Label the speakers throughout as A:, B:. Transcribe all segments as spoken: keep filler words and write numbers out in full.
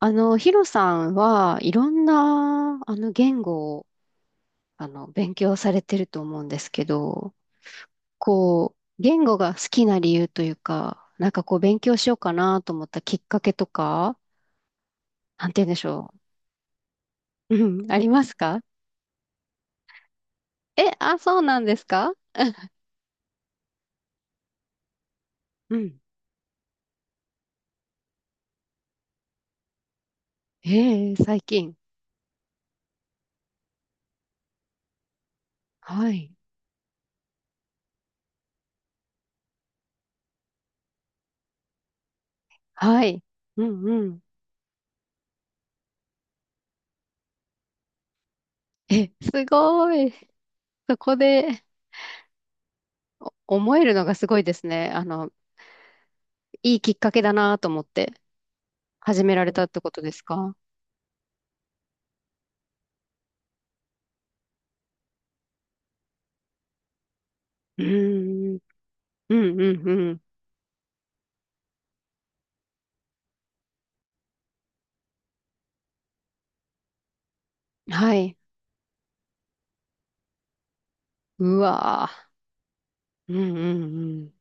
A: あの、ヒロさんはいろんな、あの、言語を、あの、勉強されてると思うんですけど、こう、言語が好きな理由というか、なんかこう、勉強しようかなと思ったきっかけとか、なんて言うんでしょう。うん、ありますか？え、あ、そうなんですか？うん。ええ、最近。はい。はい。うんうん。え、すごい。そこで思えるのがすごいですね。あの、いいきっかけだなと思って始められたってことですか？うーん、うん、うん、うん。はい。うわぁ。うん、うん、うん。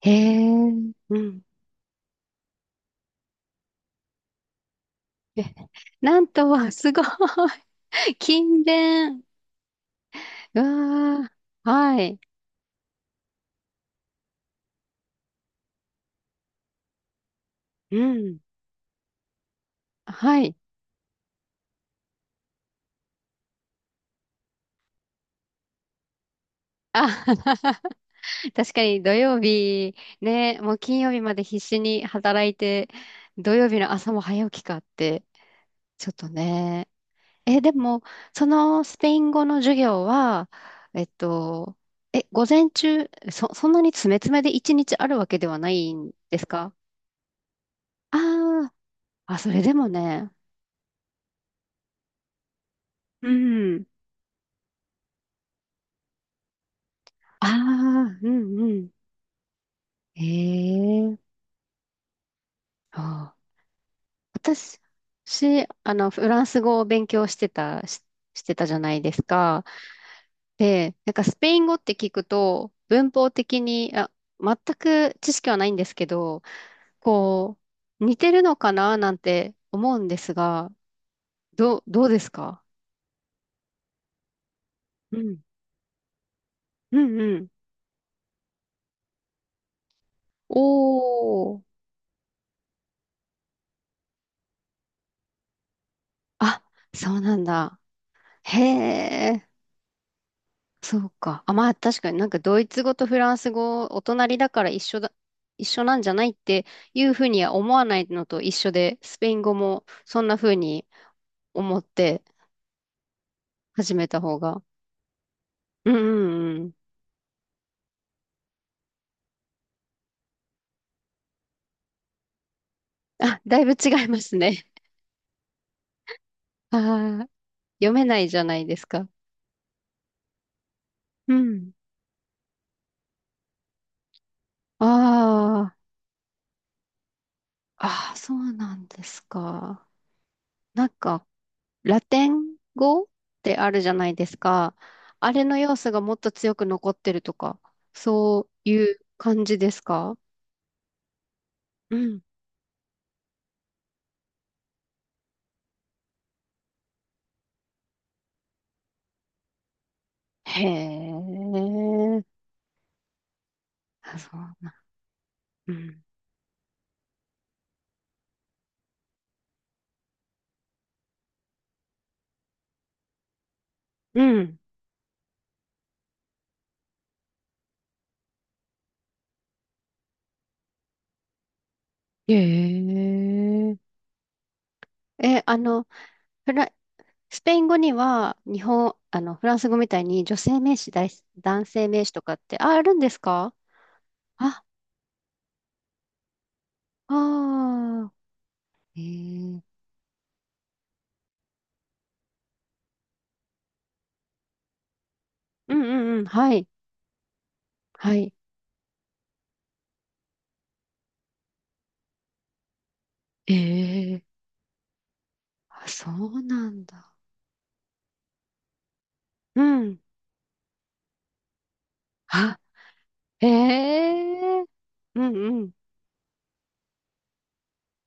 A: へえ、うん。え、なんとは、すごい。勤勉。うわぁ。はい。うん。はい。あ、確かに土曜日、ね、もう金曜日まで必死に働いて、土曜日の朝も早起きかって、ちょっとね。え、でも、そのスペイン語の授業は、えっと、え、午前中、そ、そんなに詰め詰めで一日あるわけではないんですか？ああー、あ、それでもね。うん。ああ、うんうん。ええ。ああ。私、しあの、フランス語を勉強してた、し、してたじゃないですか。で、なんかスペイン語って聞くと、文法的に、あ、全く知識はないんですけど、こう、似てるのかななんて思うんですが、どう、どうですか？うん。うんうん。おー。あ、そうなんだ。へえ。そうか。あ、まあ確かになんかドイツ語とフランス語、お隣だから一緒だ、一緒なんじゃないっていうふうには思わないのと一緒で、スペイン語もそんなふうに思って始めた方が。うんうんうん。あ、だいぶ違いますね。ああ、読めないじゃないですか。うん。ああ、ああ、そうなんですか。なんか、ラテン語ってあるじゃないですか。あれの要素がもっと強く残ってるとか、そういう感じですか？うん。へえ。あ、そうなん。うん。うん。へえ。え、あの、フラ、スペイン語には、日本、あの、フランス語みたいに女性名詞、大男性名詞とかって、あ、あるんですか？あ、ああ。へえ。うんうんうん。はい。はい。ええ。あ、そうなんだ。うん。あ、ええ。うんうん。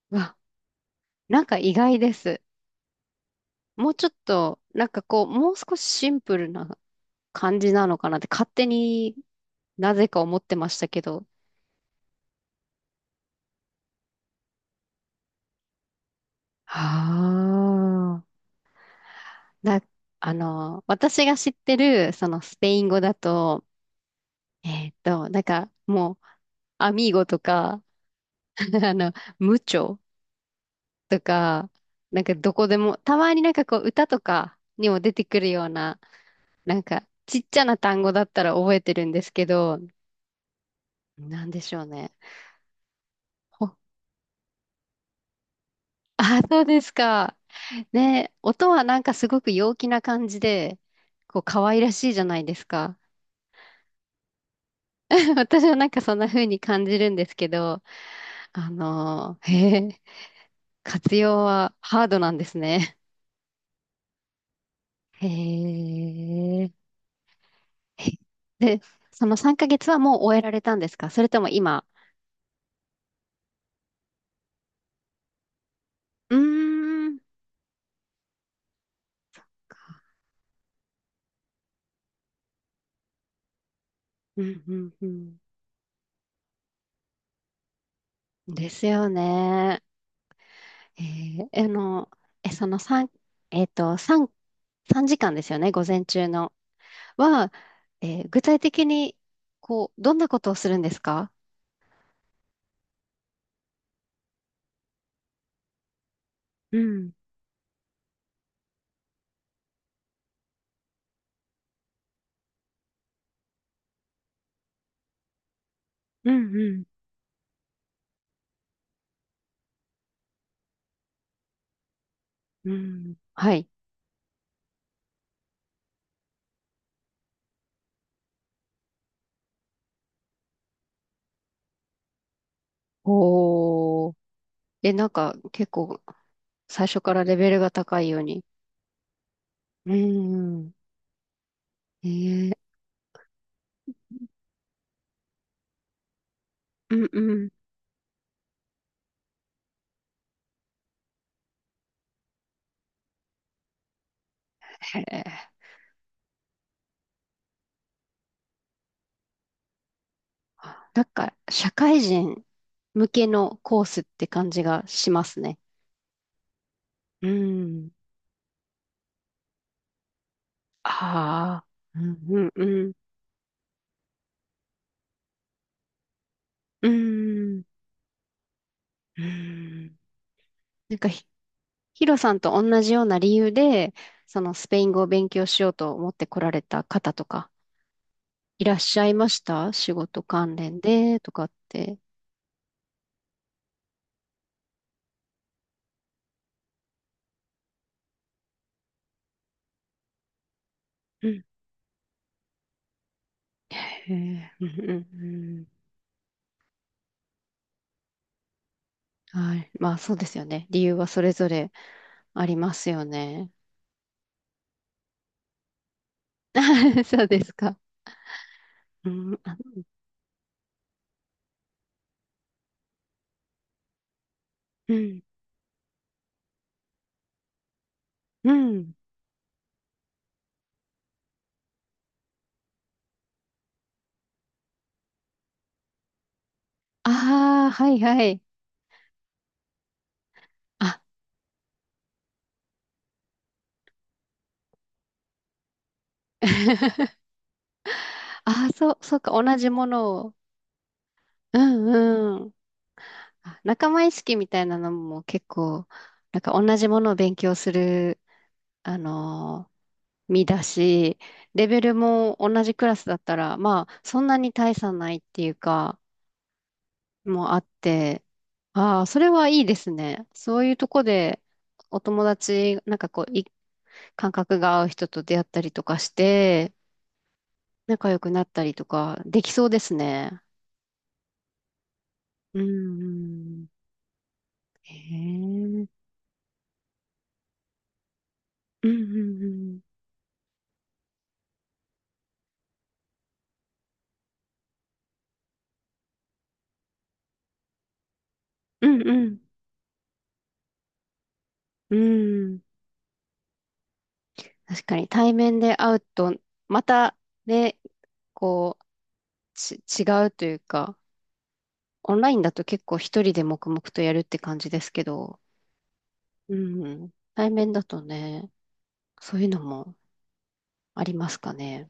A: わ、なんか意外です。もうちょっと、なんかこう、もう少しシンプルな感じなのかなって勝手になぜか思ってましたけど。ああ。な、あの、私が知ってる、そのスペイン語だと、えーっと、なんかもう、アミーゴとか、あの、ムチョ。とか、なんかどこでも、たまになんかこう歌とかにも出てくるような、なんかちっちゃな単語だったら覚えてるんですけど、なんでしょうね。ほ あ、そうですか。ね、音はなんかすごく陽気な感じで、こう可愛らしいじゃないですか。私はなんかそんな風に感じるんですけど、あのー、へえ、活用はハードなんですね。へえ。で、そのさんかげつはもう終えられたんですか？それとも今、うーん。うんうんうん。ですよね。えー、あの、え、そのさん、えっと、さん、さんじかんですよね、午前中の。は、えー具体的に、こう、どんなことをするんですか？うん、うん、うん、うん。はい。おー。え、なんか、結構、最初からレベルが高いように。うん。えー、うん、うん。へー。なんか、社会人向けのコースって感じがしますね。うん。ああ。うんうんうん。うん。うん。なんかひ、ヒロさんと同じような理由で、そのスペイン語を勉強しようと思って来られた方とか、いらっしゃいました？仕事関連でとかって。うん。へえ。うんうんうん。はい。まあ、そうですよね。理由はそれぞれありますよね。そうですか。うん。あ、うんうん。ああ、はいはい。あ、ああ、そう、そうか、同じものを。うんうん。あ、仲間意識みたいなのも結構、なんか同じものを勉強する、あのー身だし、レベルも同じクラスだったら、まあ、そんなに大差ないっていうか、もあって、ああ、それはいいですね。そういうとこで、お友達、なんかこう、い感覚が合う人と出会ったりとかして、仲良くなったりとか、できそうですね。うん、うん。へえ。うん、うん、うん。うん、うん。うん。確かに対面で会うと、またね、こう、ち、違うというか、オンラインだと結構一人で黙々とやるって感じですけど、うん、うん。対面だとね、そういうのもありますかね。